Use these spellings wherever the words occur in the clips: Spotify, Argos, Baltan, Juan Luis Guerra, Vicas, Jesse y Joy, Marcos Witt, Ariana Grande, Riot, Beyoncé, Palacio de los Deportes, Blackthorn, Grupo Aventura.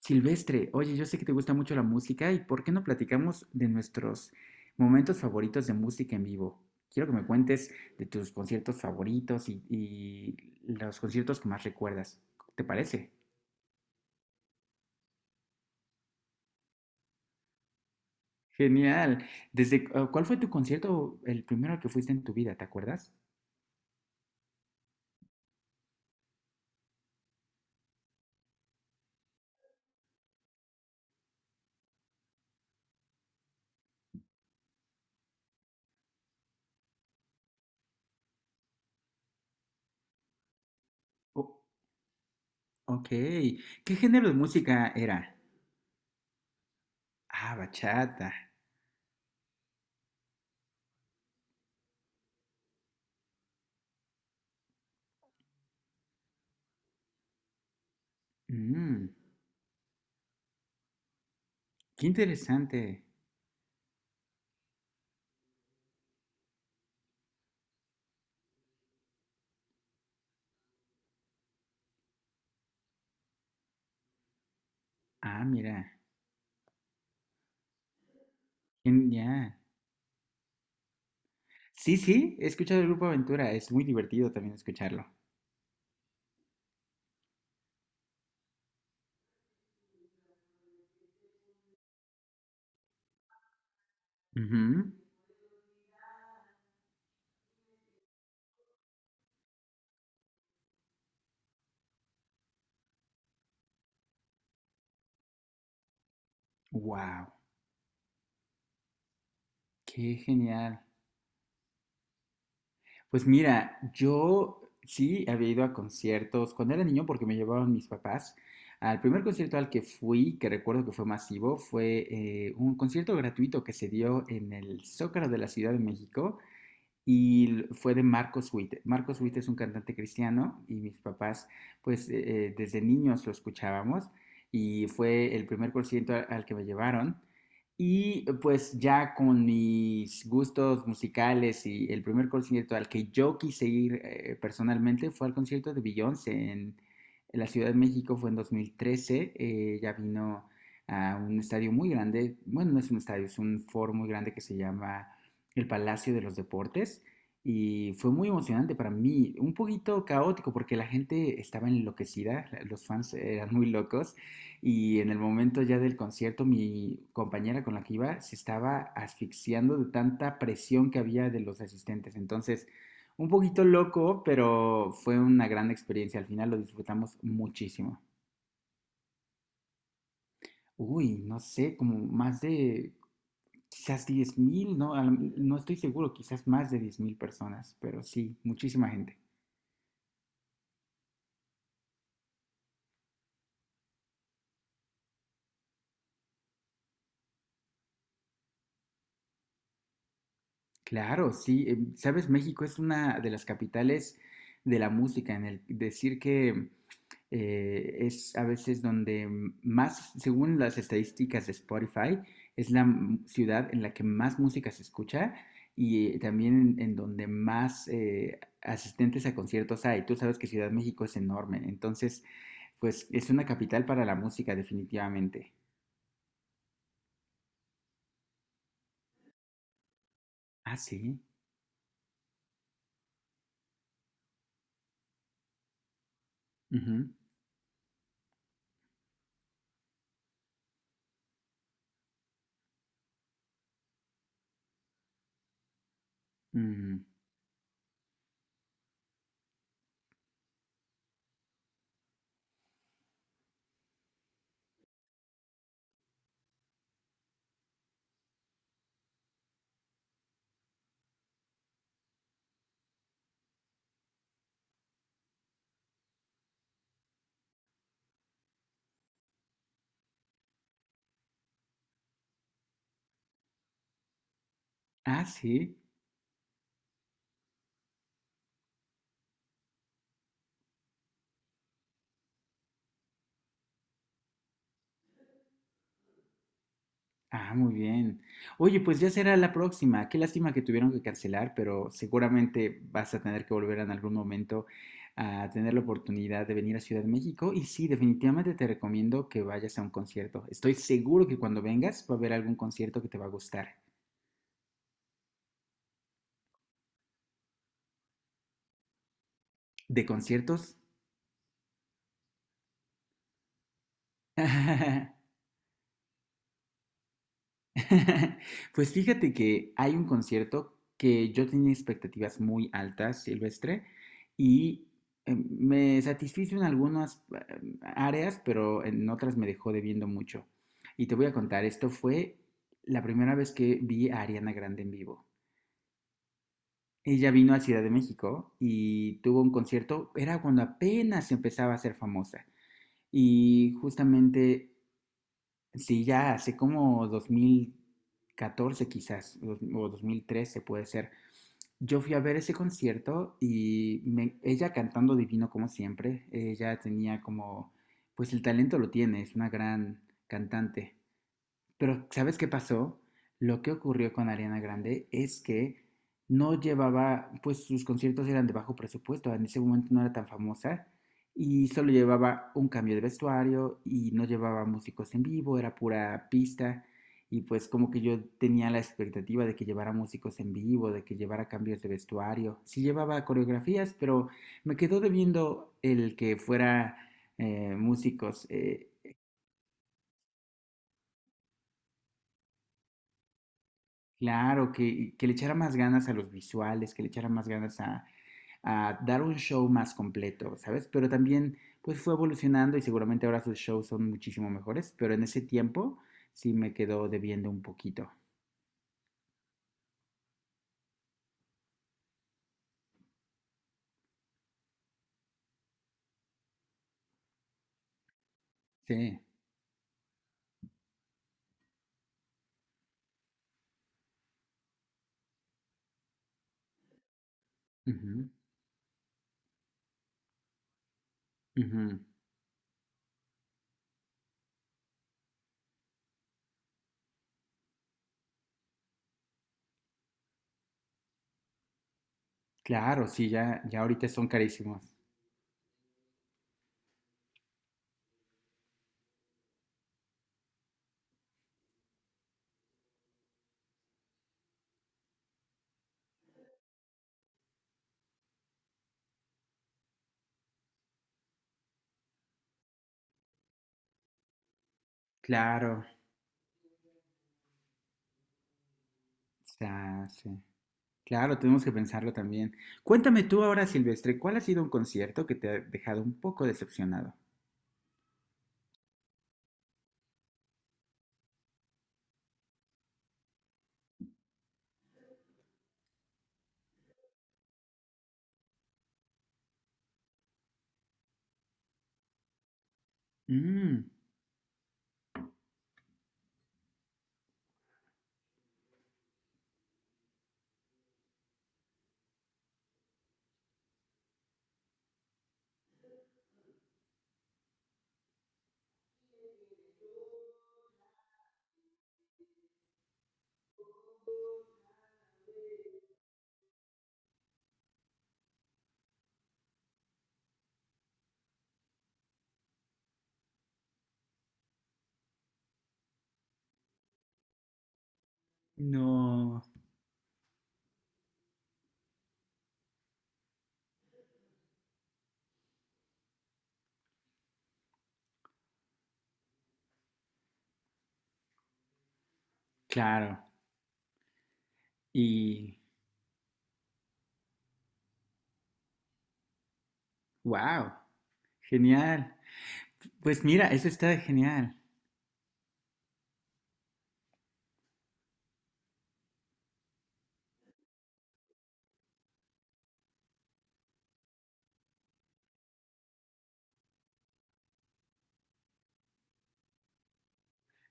Silvestre, oye, yo sé que te gusta mucho la música y ¿por qué no platicamos de nuestros momentos favoritos de música en vivo? Quiero que me cuentes de tus conciertos favoritos y los conciertos que más recuerdas. ¿Te parece? Genial. ¿Cuál fue tu concierto, el primero al que fuiste en tu vida? ¿Te acuerdas? Oh, ok. ¿Qué género de música era? Ah, bachata. Mm, qué interesante. Ah, mira. Genial. Sí, sí, he escuchado el Grupo Aventura, es muy divertido también escucharlo. Wow, qué genial. Pues mira, yo sí había ido a conciertos cuando era niño porque me llevaban mis papás. Al primer concierto al que fui, que recuerdo que fue masivo, fue un concierto gratuito que se dio en el Zócalo de la Ciudad de México y fue de Marcos Witt. Marcos Witt es un cantante cristiano y mis papás, pues desde niños lo escuchábamos y fue el primer concierto al que me llevaron. Y pues ya con mis gustos musicales y el primer concierto al que yo quise ir personalmente fue al concierto de Beyoncé en la Ciudad de México, fue en 2013, ya vino a un estadio muy grande, bueno, no es un estadio, es un foro muy grande que se llama el Palacio de los Deportes y fue muy emocionante para mí, un poquito caótico porque la gente estaba enloquecida, los fans eran muy locos y en el momento ya del concierto mi compañera con la que iba se estaba asfixiando de tanta presión que había de los asistentes, entonces un poquito loco, pero fue una gran experiencia, al final lo disfrutamos muchísimo. Uy, no sé, como más de quizás 10 mil, ¿no? No estoy seguro, quizás más de 10 mil personas, pero sí, muchísima gente. Claro, sí, sabes, México es una de las capitales de la música, en el decir que es a veces donde más, según las estadísticas de Spotify, es la ciudad en la que más música se escucha y también en donde más asistentes a conciertos hay. Tú sabes que Ciudad de México es enorme, entonces, pues es una capital para la música definitivamente. Ah, sí. Ujú. Mm. Ah, sí. Ah, muy bien. Oye, pues ya será la próxima. Qué lástima que tuvieron que cancelar, pero seguramente vas a tener que volver en algún momento a tener la oportunidad de venir a Ciudad de México. Y sí, definitivamente te recomiendo que vayas a un concierto. Estoy seguro que cuando vengas va a haber algún concierto que te va a gustar. ¿De conciertos? Pues fíjate que hay un concierto que yo tenía expectativas muy altas, Silvestre, y me satisfizo en algunas áreas, pero en otras me dejó debiendo mucho. Y te voy a contar, esto fue la primera vez que vi a Ariana Grande en vivo. Ella vino a Ciudad de México y tuvo un concierto, era cuando apenas empezaba a ser famosa. Y justamente sí, ya hace como 2014 quizás, o 2013 puede ser. Yo fui a ver ese concierto y ella cantando divino como siempre, ella tenía como, pues el talento lo tiene, es una gran cantante. Pero ¿sabes qué pasó? Lo que ocurrió con Ariana Grande es que no llevaba, pues sus conciertos eran de bajo presupuesto, en ese momento no era tan famosa y solo llevaba un cambio de vestuario y no llevaba músicos en vivo, era pura pista y pues como que yo tenía la expectativa de que llevara músicos en vivo, de que llevara cambios de vestuario, sí llevaba coreografías, pero me quedó debiendo el que fuera músicos claro, que le echara más ganas a los visuales, que le echara más ganas a dar un show más completo, ¿sabes? Pero también, pues fue evolucionando y seguramente ahora sus shows son muchísimo mejores, pero en ese tiempo sí me quedó debiendo un poquito. Sí. Ujú, ujú. Claro, sí, ya, ya ahorita son carísimos. Claro, ya, sí. Claro, tenemos que pensarlo también. Cuéntame tú ahora, Silvestre, ¿cuál ha sido un concierto que te ha dejado un poco decepcionado? Mm, no. Claro. Y wow, genial. Pues mira, eso está genial.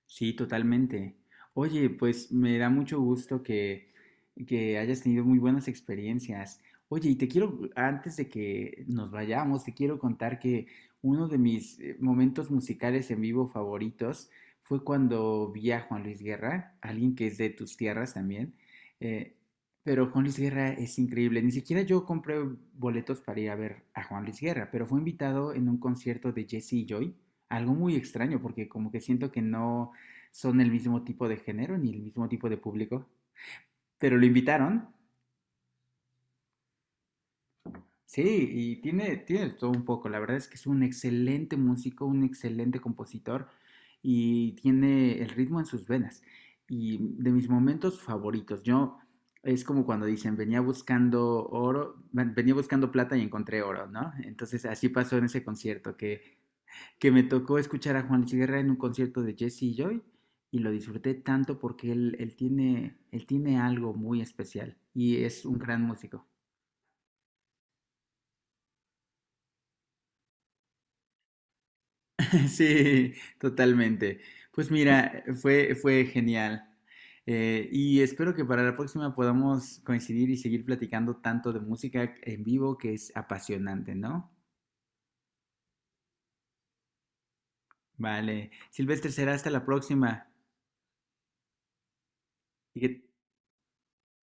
Sí, totalmente. Oye, pues me da mucho gusto que hayas tenido muy buenas experiencias. Oye, y te quiero, antes de que nos vayamos, te quiero contar que uno de mis momentos musicales en vivo favoritos fue cuando vi a Juan Luis Guerra, alguien que es de tus tierras también. Eh, pero Juan Luis Guerra es increíble. Ni siquiera yo compré boletos para ir a ver a Juan Luis Guerra, pero fue invitado en un concierto de Jesse y Joy. Algo muy extraño porque como que siento que no son el mismo tipo de género ni el mismo tipo de público, pero lo invitaron. Sí, y tiene, tiene todo un poco. La verdad es que es un excelente músico, un excelente compositor y tiene el ritmo en sus venas. Y de mis momentos favoritos, yo es como cuando dicen, venía buscando oro, venía buscando plata y encontré oro, ¿no? Entonces así pasó en ese concierto, que me tocó escuchar a Juan Luis Guerra en un concierto de Jesse Joy y lo disfruté tanto porque él tiene algo muy especial y es un gran músico. Sí, totalmente. Pues mira, fue genial. Y espero que para la próxima podamos coincidir y seguir platicando tanto de música en vivo que es apasionante, ¿no? Vale. Silvestre, será hasta la próxima. Y que,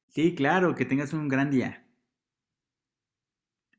sí, claro, que tengas un gran día.